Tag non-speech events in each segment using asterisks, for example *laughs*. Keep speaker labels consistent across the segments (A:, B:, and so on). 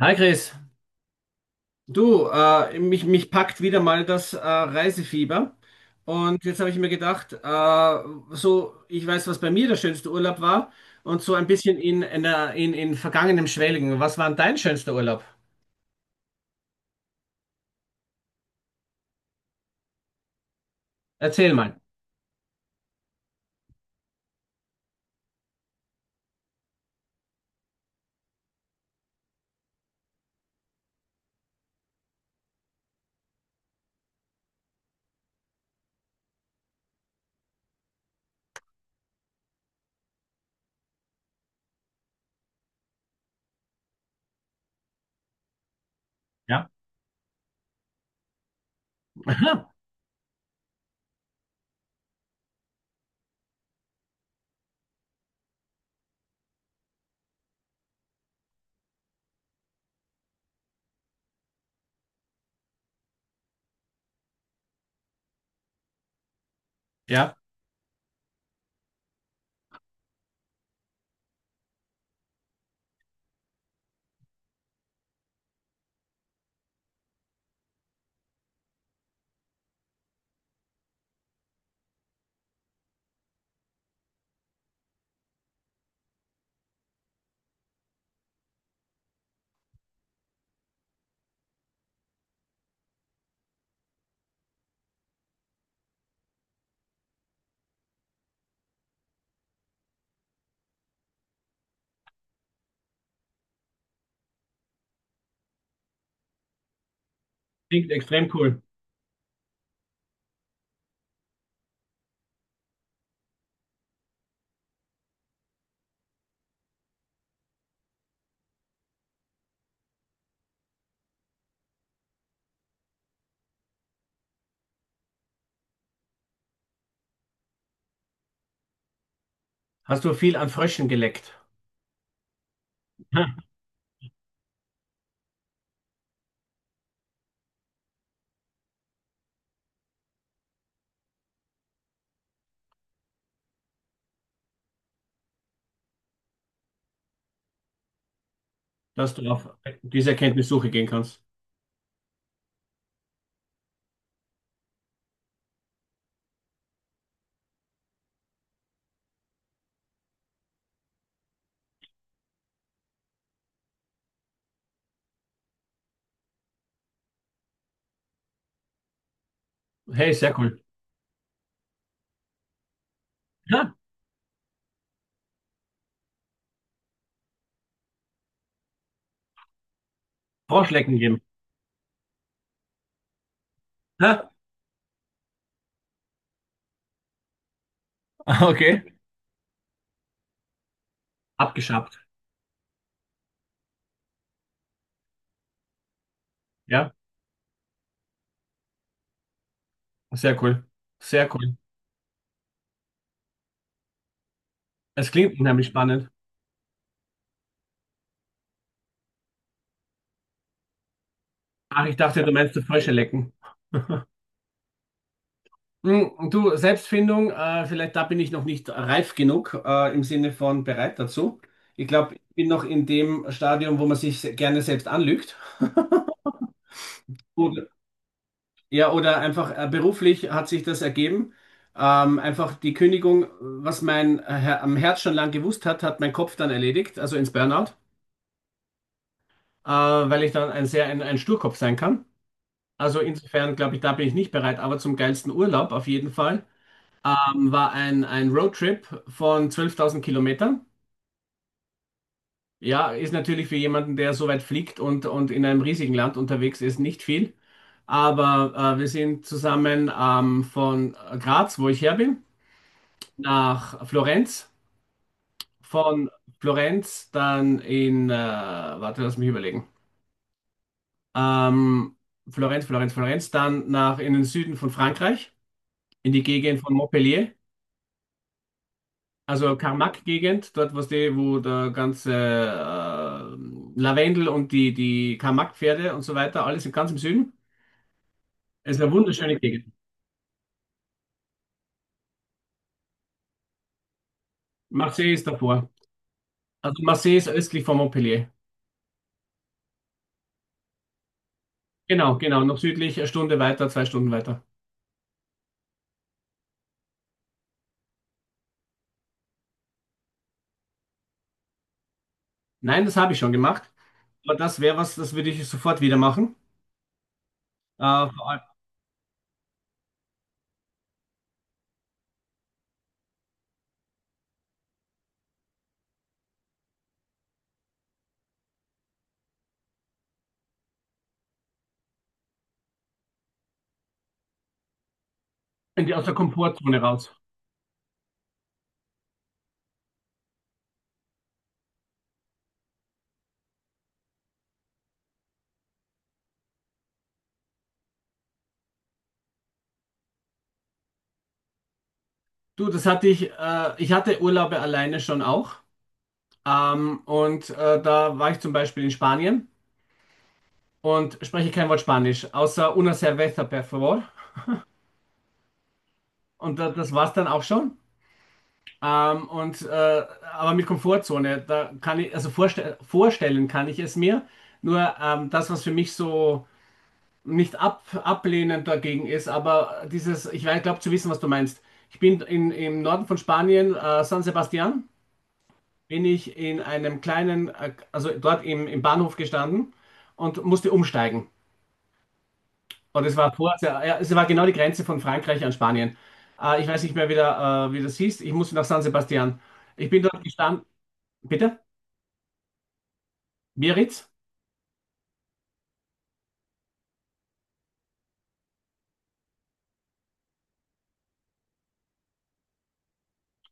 A: Hi Chris, du, mich packt wieder mal das Reisefieber. Und jetzt habe ich mir gedacht, so, ich weiß, was bei mir der schönste Urlaub war und so ein bisschen in vergangenem Schwelgen. Was war denn dein schönster Urlaub? Erzähl mal. Ja. Aha. Ja, klingt extrem cool. Hast du viel an Fröschen geleckt? Aha. Dass du auf diese Erkenntnissuche gehen kannst? Hey, sehr cool. Ja, Froschlecken geben. Ja, *laughs* okay. Abgeschabt. Ja, sehr cool. Sehr cool. Es klingt nämlich spannend. Ach, ich dachte, du meinst das Frösche lecken. Du, Selbstfindung, vielleicht da bin ich noch nicht reif genug, im Sinne von bereit dazu. Ich glaube, ich bin noch in dem Stadium, wo man sich gerne selbst anlügt. *laughs* Oder, ja, oder einfach beruflich hat sich das ergeben. Einfach die Kündigung, was mein am Herz schon lang gewusst hat, hat mein Kopf dann erledigt, also ins Burnout, weil ich dann ein Sturkopf sein kann. Also insofern glaube ich, da bin ich nicht bereit, aber zum geilsten Urlaub auf jeden Fall. War ein Roadtrip von 12.000 Kilometern. Ja, ist natürlich für jemanden, der so weit fliegt und in einem riesigen Land unterwegs ist, nicht viel. Aber wir sind zusammen von Graz, wo ich her bin, nach Florenz. Von Florenz dann warte, lass mich überlegen. Ähm, Florenz, dann nach in den Süden von Frankreich, in die Gegend von Montpellier. Also Karmak-Gegend, dort, wo der ganze Lavendel und die Karmak-Pferde und so weiter, alles ganz im Süden. Es ist eine wunderschöne Gegend. Marseille ist davor. Also Marseille ist östlich von Montpellier. Genau, genau, noch südlich, 1 Stunde weiter, 2 Stunden weiter. Nein, das habe ich schon gemacht. Aber das wäre was, das würde ich sofort wieder machen. Äh, Vor allem aus der Komfortzone raus. Du, das hatte ich, ich hatte Urlaube alleine schon auch. Und da war ich zum Beispiel in Spanien und spreche kein Wort Spanisch, außer una cerveza, por favor. Und da, das war's dann auch schon. Ähm, und, äh, aber mit Komfortzone, da kann ich, also vorstellen kann ich es mir. Nur das, was für mich so nicht ab ablehnend dagegen ist, aber dieses, ich glaube zu wissen, was du meinst. Ich bin im Norden von Spanien, San Sebastian, bin ich in einem kleinen, also dort im Bahnhof gestanden und musste umsteigen. Und es war kurz, ja, ja, es war genau die Grenze von Frankreich an Spanien. Ich weiß nicht mehr, wie das hieß. Ich musste nach San Sebastian. Ich bin dort gestanden. Bitte? Biarritz?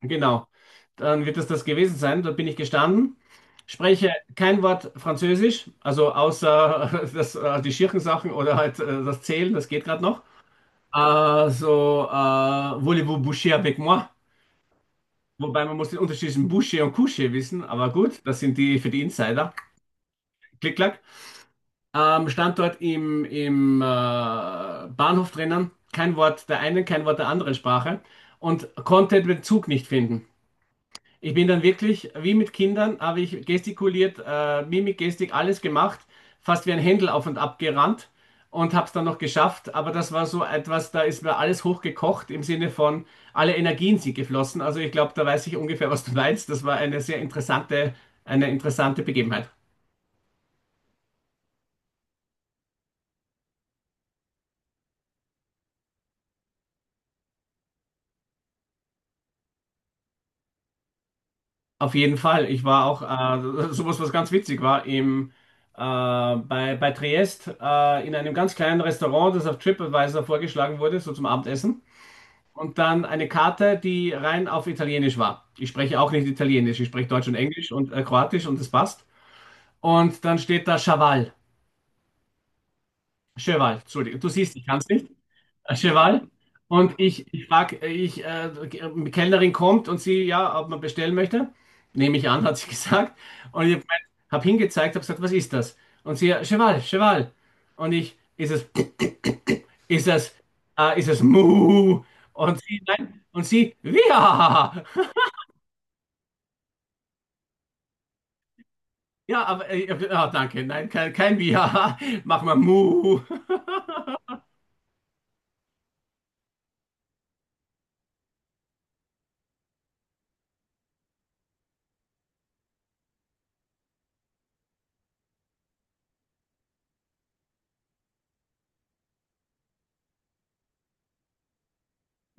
A: Genau. Dann wird das das gewesen sein. Dort bin ich gestanden, spreche kein Wort Französisch, also außer *laughs* die Schirchensachen oder halt das Zählen, das geht gerade noch. So, voulez-vous boucher avec moi? Wobei man muss den Unterschied zwischen boucher und coucher wissen, aber gut, das sind die für die Insider. Klick, klack. Standort im Bahnhof drinnen, kein Wort der einen, kein Wort der anderen Sprache und konnte den Bezug nicht finden. Ich bin dann wirklich, wie mit Kindern, habe ich gestikuliert, Mimik, Gestik, alles gemacht, fast wie ein Händel auf und ab gerannt und habe es dann noch geschafft. Aber das war so etwas, da ist mir alles hochgekocht im Sinne von, alle Energien sind geflossen. Also ich glaube, da weiß ich ungefähr, was du meinst. Das war eine sehr interessante, eine interessante Begebenheit. Auf jeden Fall. Ich war auch, sowas, was ganz witzig war, bei Triest in einem ganz kleinen Restaurant, das auf TripAdvisor vorgeschlagen wurde, so zum Abendessen. Und dann eine Karte, die rein auf Italienisch war. Ich spreche auch nicht Italienisch, ich spreche Deutsch und Englisch und Kroatisch und das passt. Und dann steht da Chaval. Cheval, Entschuldigung. Du siehst, ich kann es nicht. Cheval. Und ich frage, die Kellnerin kommt und sie, ja, ob man bestellen möchte. Nehme ich an, hat sie *laughs* gesagt. Und ich habe hingezeigt, habe gesagt, was ist das? Und sie, ja Cheval, Cheval. Und ich, *clears throat* ist es, ist es Mu? Und sie, nein, und sie, Wiha! *laughs* Ja, aber, ah, danke, nein, kein Wiha, machen wir *laughs* Mu.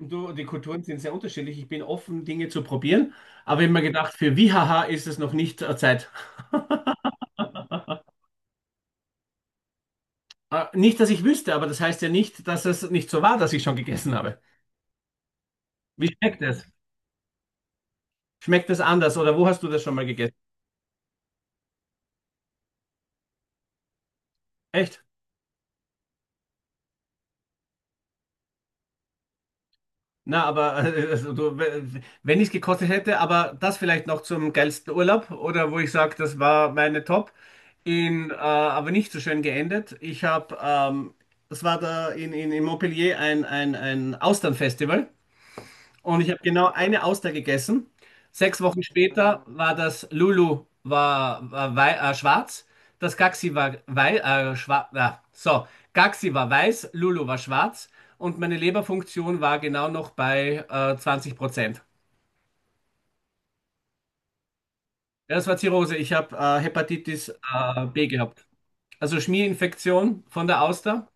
A: Du, die Kulturen sind sehr unterschiedlich. Ich bin offen, Dinge zu probieren, aber ich habe mir gedacht, für Wihaha ist es noch nicht Zeit. *laughs* Nicht, dass ich wüsste, aber das heißt ja nicht, dass es nicht so war, dass ich schon gegessen habe. Wie schmeckt es? Schmeckt es anders oder wo hast du das schon mal gegessen? Echt? Na, aber also, du, wenn ich es gekostet hätte, aber das vielleicht noch zum geilsten Urlaub oder wo ich sage, das war meine Top, aber nicht so schön geendet. Das war da in Montpellier ein Austernfestival. Und ich habe genau eine Auster gegessen. 6 Wochen später war das: Lulu war, war wei schwarz, das Gaxi war wei schwarz. So, Gaxi war weiß, Lulu war schwarz und meine Leberfunktion war genau noch bei 20%. Ja, das war Zirrhose. Ich habe Hepatitis B gehabt. Also Schmierinfektion von der Auster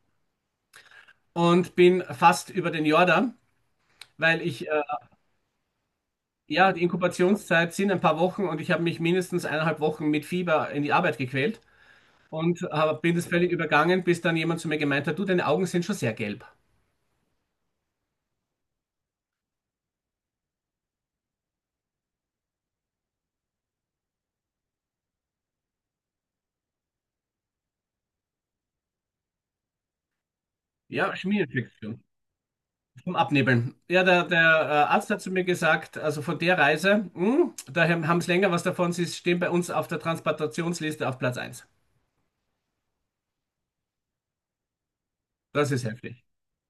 A: und bin fast über den Jordan, weil ich ja, die Inkubationszeit sind ein paar Wochen und ich habe mich mindestens 1,5 Wochen mit Fieber in die Arbeit gequält und bin das völlig übergangen, bis dann jemand zu mir gemeint hat, du, deine Augen sind schon sehr gelb. Ja, Schmierinfektion. Vom Abnebeln. Ja, der Arzt hat zu mir gesagt, also von der Reise, da haben sie länger was davon, sie stehen bei uns auf der Transplantationsliste auf Platz eins. Das ist heftig.